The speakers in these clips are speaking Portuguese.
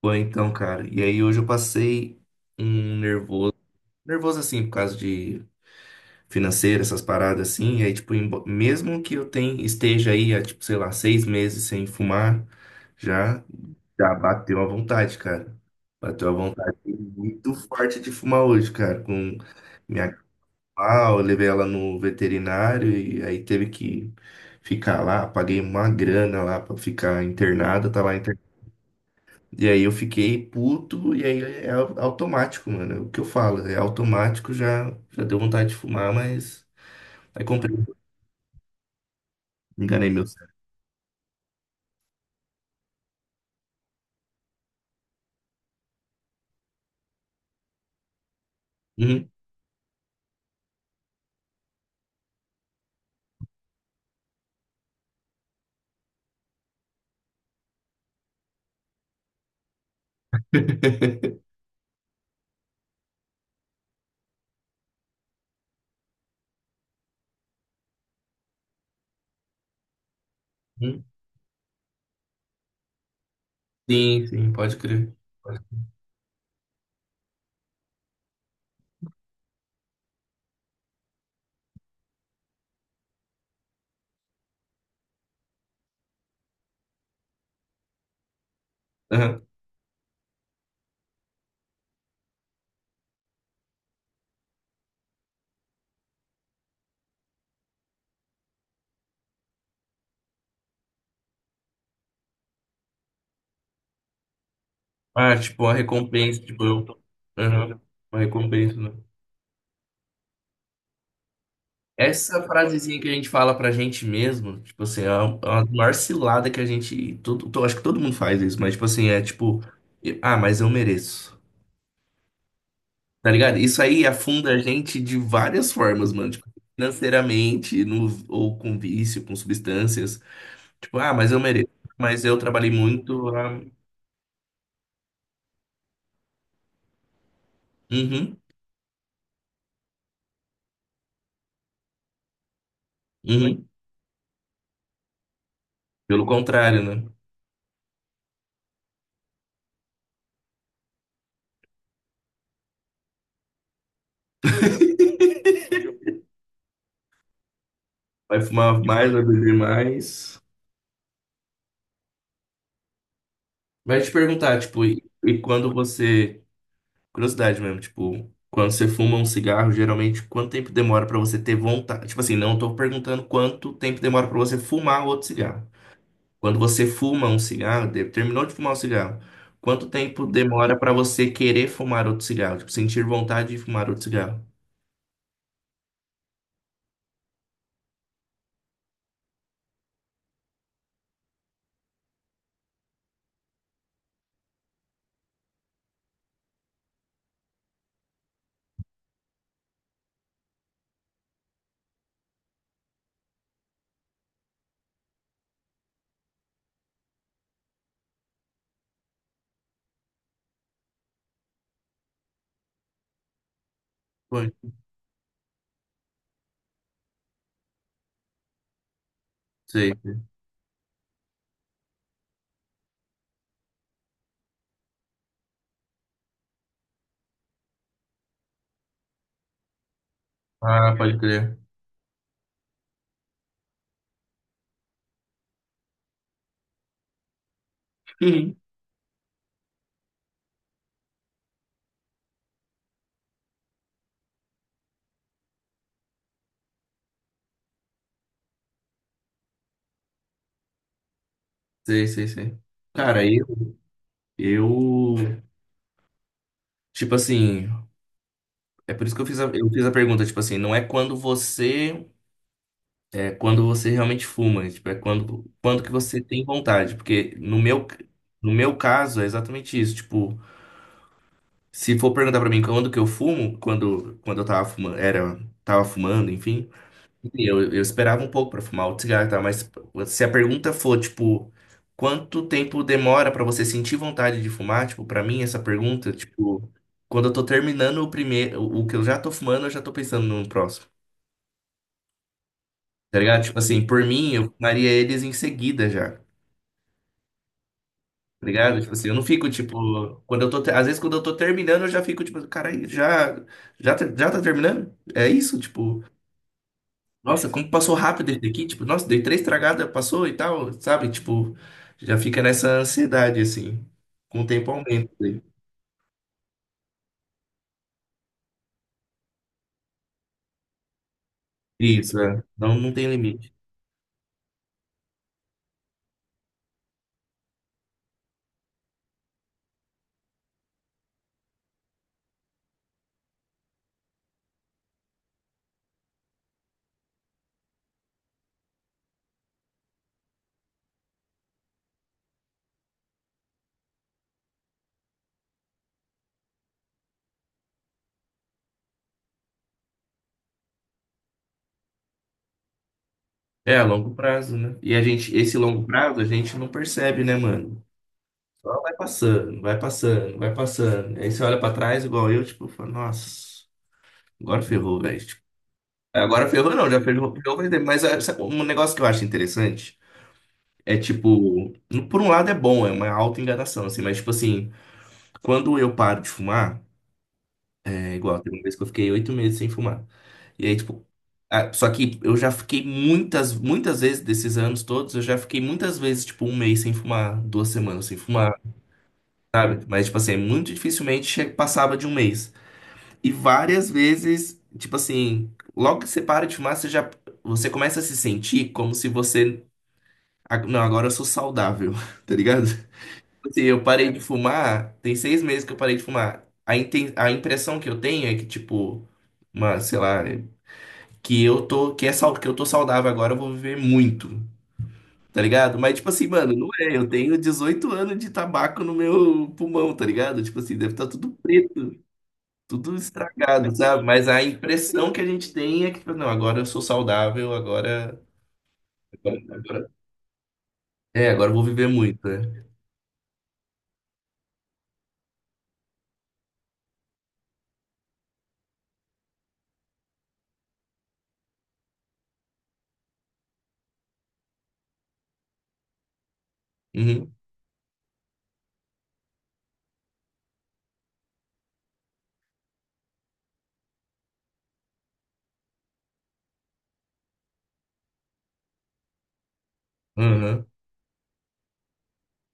Foi então, cara. E aí hoje eu passei um nervoso, nervoso assim, por causa de financeiro, essas paradas assim. E aí, tipo, mesmo que eu tenha, esteja aí há, tipo, sei lá, 6 meses sem fumar, já, já bateu a vontade, cara. Bateu a vontade muito forte de fumar hoje, cara. Com minha pau, eu levei ela no veterinário e aí teve que ficar lá. Paguei uma grana lá pra ficar internada. Tá lá e aí eu fiquei puto, e aí é automático, mano. É o que eu falo, é automático, já deu vontade de fumar, mas. Aí comprei, enganei meu cérebro. Uhum. Uhum. Sim, sim, pode crer. Aham. Ah, tipo, uma recompensa, tipo, eu. Aham. Uma recompensa, né? Essa frasezinha que a gente fala pra gente mesmo, tipo assim, é uma maior cilada que a gente. Acho que todo mundo faz isso, mas tipo assim, é tipo, ah, mas eu mereço. Tá ligado? Isso aí afunda a gente de várias formas, mano. Tipo, financeiramente, no, ou com vício, com substâncias. Tipo, ah, mas eu mereço. Mas eu trabalhei muito. Ah, uhum, uhum. Pelo contrário, né? Vai fumar mais, vai beber mais. Vai te perguntar, tipo, e quando você. Curiosidade mesmo, tipo, quando você fuma um cigarro, geralmente quanto tempo demora pra você ter vontade? Tipo assim, não tô perguntando quanto tempo demora pra você fumar outro cigarro. Quando você fuma um cigarro, terminou de fumar um cigarro, quanto tempo demora para você querer fumar outro cigarro? Tipo, sentir vontade de fumar outro cigarro? Foi. Sei. Sei. Ah, pode crer. Uhum. Sei, sei, sei. Cara, eu, tipo assim, é por isso que eu fiz a pergunta, tipo assim, não é quando você, é quando você realmente fuma, né? Tipo, é quando que você tem vontade, porque no meu caso é exatamente isso, tipo, se for perguntar pra mim quando que eu fumo, quando eu tava fumando, era, tava fumando, enfim, eu esperava um pouco pra fumar outro cigarro, e tal. Mas se a pergunta for, tipo, quanto tempo demora pra você sentir vontade de fumar, tipo, pra mim essa pergunta, tipo, quando eu tô terminando o primeiro, o que eu já tô fumando, eu já tô pensando no próximo. Tá ligado? Tipo assim, por mim, eu fumaria eles em seguida já. Tá ligado? Tipo assim, eu não fico, tipo, quando eu tô, às vezes quando eu tô terminando, eu já fico, tipo, cara, já tá terminando? É isso, tipo, nossa, como passou rápido esse aqui, tipo, nossa, dei três tragadas, passou e tal, sabe? Tipo, já fica nessa ansiedade, assim, com o tempo aumenta, né? Isso, é. Não, não tem limite. É, a longo prazo, né? E a gente, esse longo prazo, a gente não percebe, né, mano? Só vai passando, vai passando, vai passando. Aí você olha pra trás, igual eu, tipo, fala, nossa, agora ferrou, velho, tipo, agora ferrou não, já ferrou, ferrou faz tempo. Mas é, sabe, um negócio que eu acho interessante é, tipo, por um lado é bom, é uma auto-enganação, assim, mas, tipo assim, quando eu paro de fumar, é igual, teve uma vez que eu fiquei 8 meses sem fumar. E aí, tipo, ah, só que eu já fiquei muitas, muitas vezes, desses anos todos, eu já fiquei muitas vezes, tipo, um mês sem fumar, 2 semanas sem fumar, mas, tipo assim, muito dificilmente passava de um mês. E várias vezes, tipo assim, logo que você para de fumar, você já você começa a se sentir como se você Não, agora eu sou saudável, tá ligado? Tipo assim, eu parei de fumar, tem 6 meses que eu parei de fumar. A impressão que eu tenho é que, tipo, uma, sei lá, que eu tô, que eu tô saudável agora, eu vou viver muito, tá ligado? Mas, tipo assim, mano, não é. Eu tenho 18 anos de tabaco no meu pulmão, tá ligado? Tipo assim, deve estar tudo preto, tudo estragado, sabe? Mas a impressão que a gente tem é que, tipo, não, agora eu sou saudável, agora... agora- É, agora eu vou viver muito, né? Uhum. Uhum.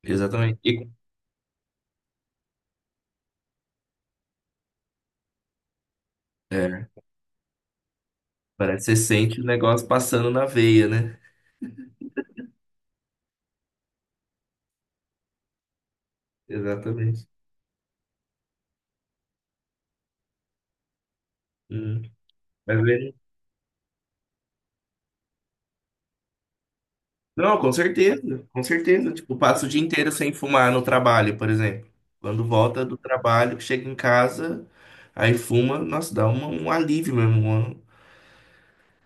Exatamente. É, parece que você sente o negócio passando na veia, né? Exatamente. Hum. Mas ele- Não, com certeza, com certeza. Tipo, passa o dia inteiro sem fumar no trabalho, por exemplo. Quando volta do trabalho, chega em casa, aí fuma, nossa, dá um alívio mesmo. uma-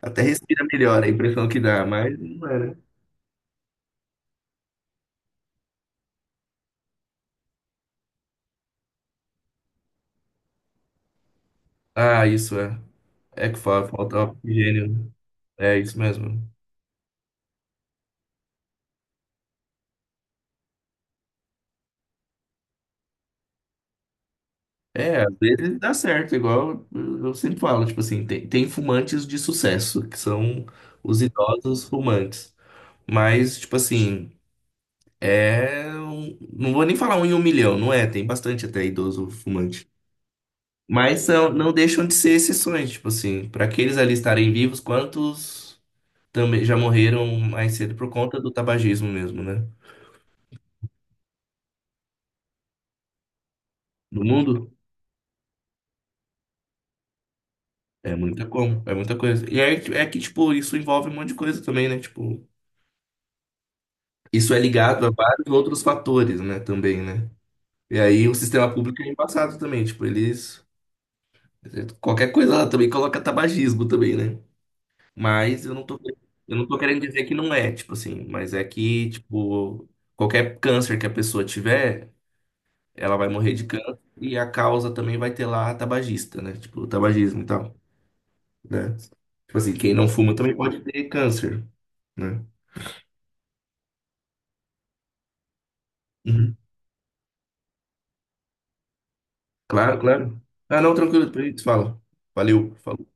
Até respira melhor a impressão que dá, mas não é, né? Ah, isso é. É que falta oxigênio, né? É isso mesmo. É, às vezes dá certo, igual eu sempre falo, tipo assim, tem fumantes de sucesso, que são os idosos fumantes. Mas, tipo assim, não vou nem falar um em um milhão, não é? Tem bastante até idoso fumante. Mas são, não deixam de ser exceções, tipo assim, para aqueles ali estarem vivos, quantos também já morreram mais cedo por conta do tabagismo mesmo, né? No mundo? É muita como, é muita coisa. E é que, tipo, isso envolve um monte de coisa também, né? Tipo. Isso é ligado a vários outros fatores, né, também, né? E aí o sistema público é embaçado também, tipo, eles qualquer coisa lá também coloca tabagismo também, né? Mas eu não tô querendo dizer que não é, tipo assim, mas é que, tipo, qualquer câncer que a pessoa tiver, ela vai morrer de câncer e a causa também vai ter lá tabagista, né? Tipo, o tabagismo e tal, né? Tipo assim, quem não fuma também pode ter câncer, né? Uhum. Claro, claro. Ah, não, tranquilo, depois a gente fala. Valeu. Falou.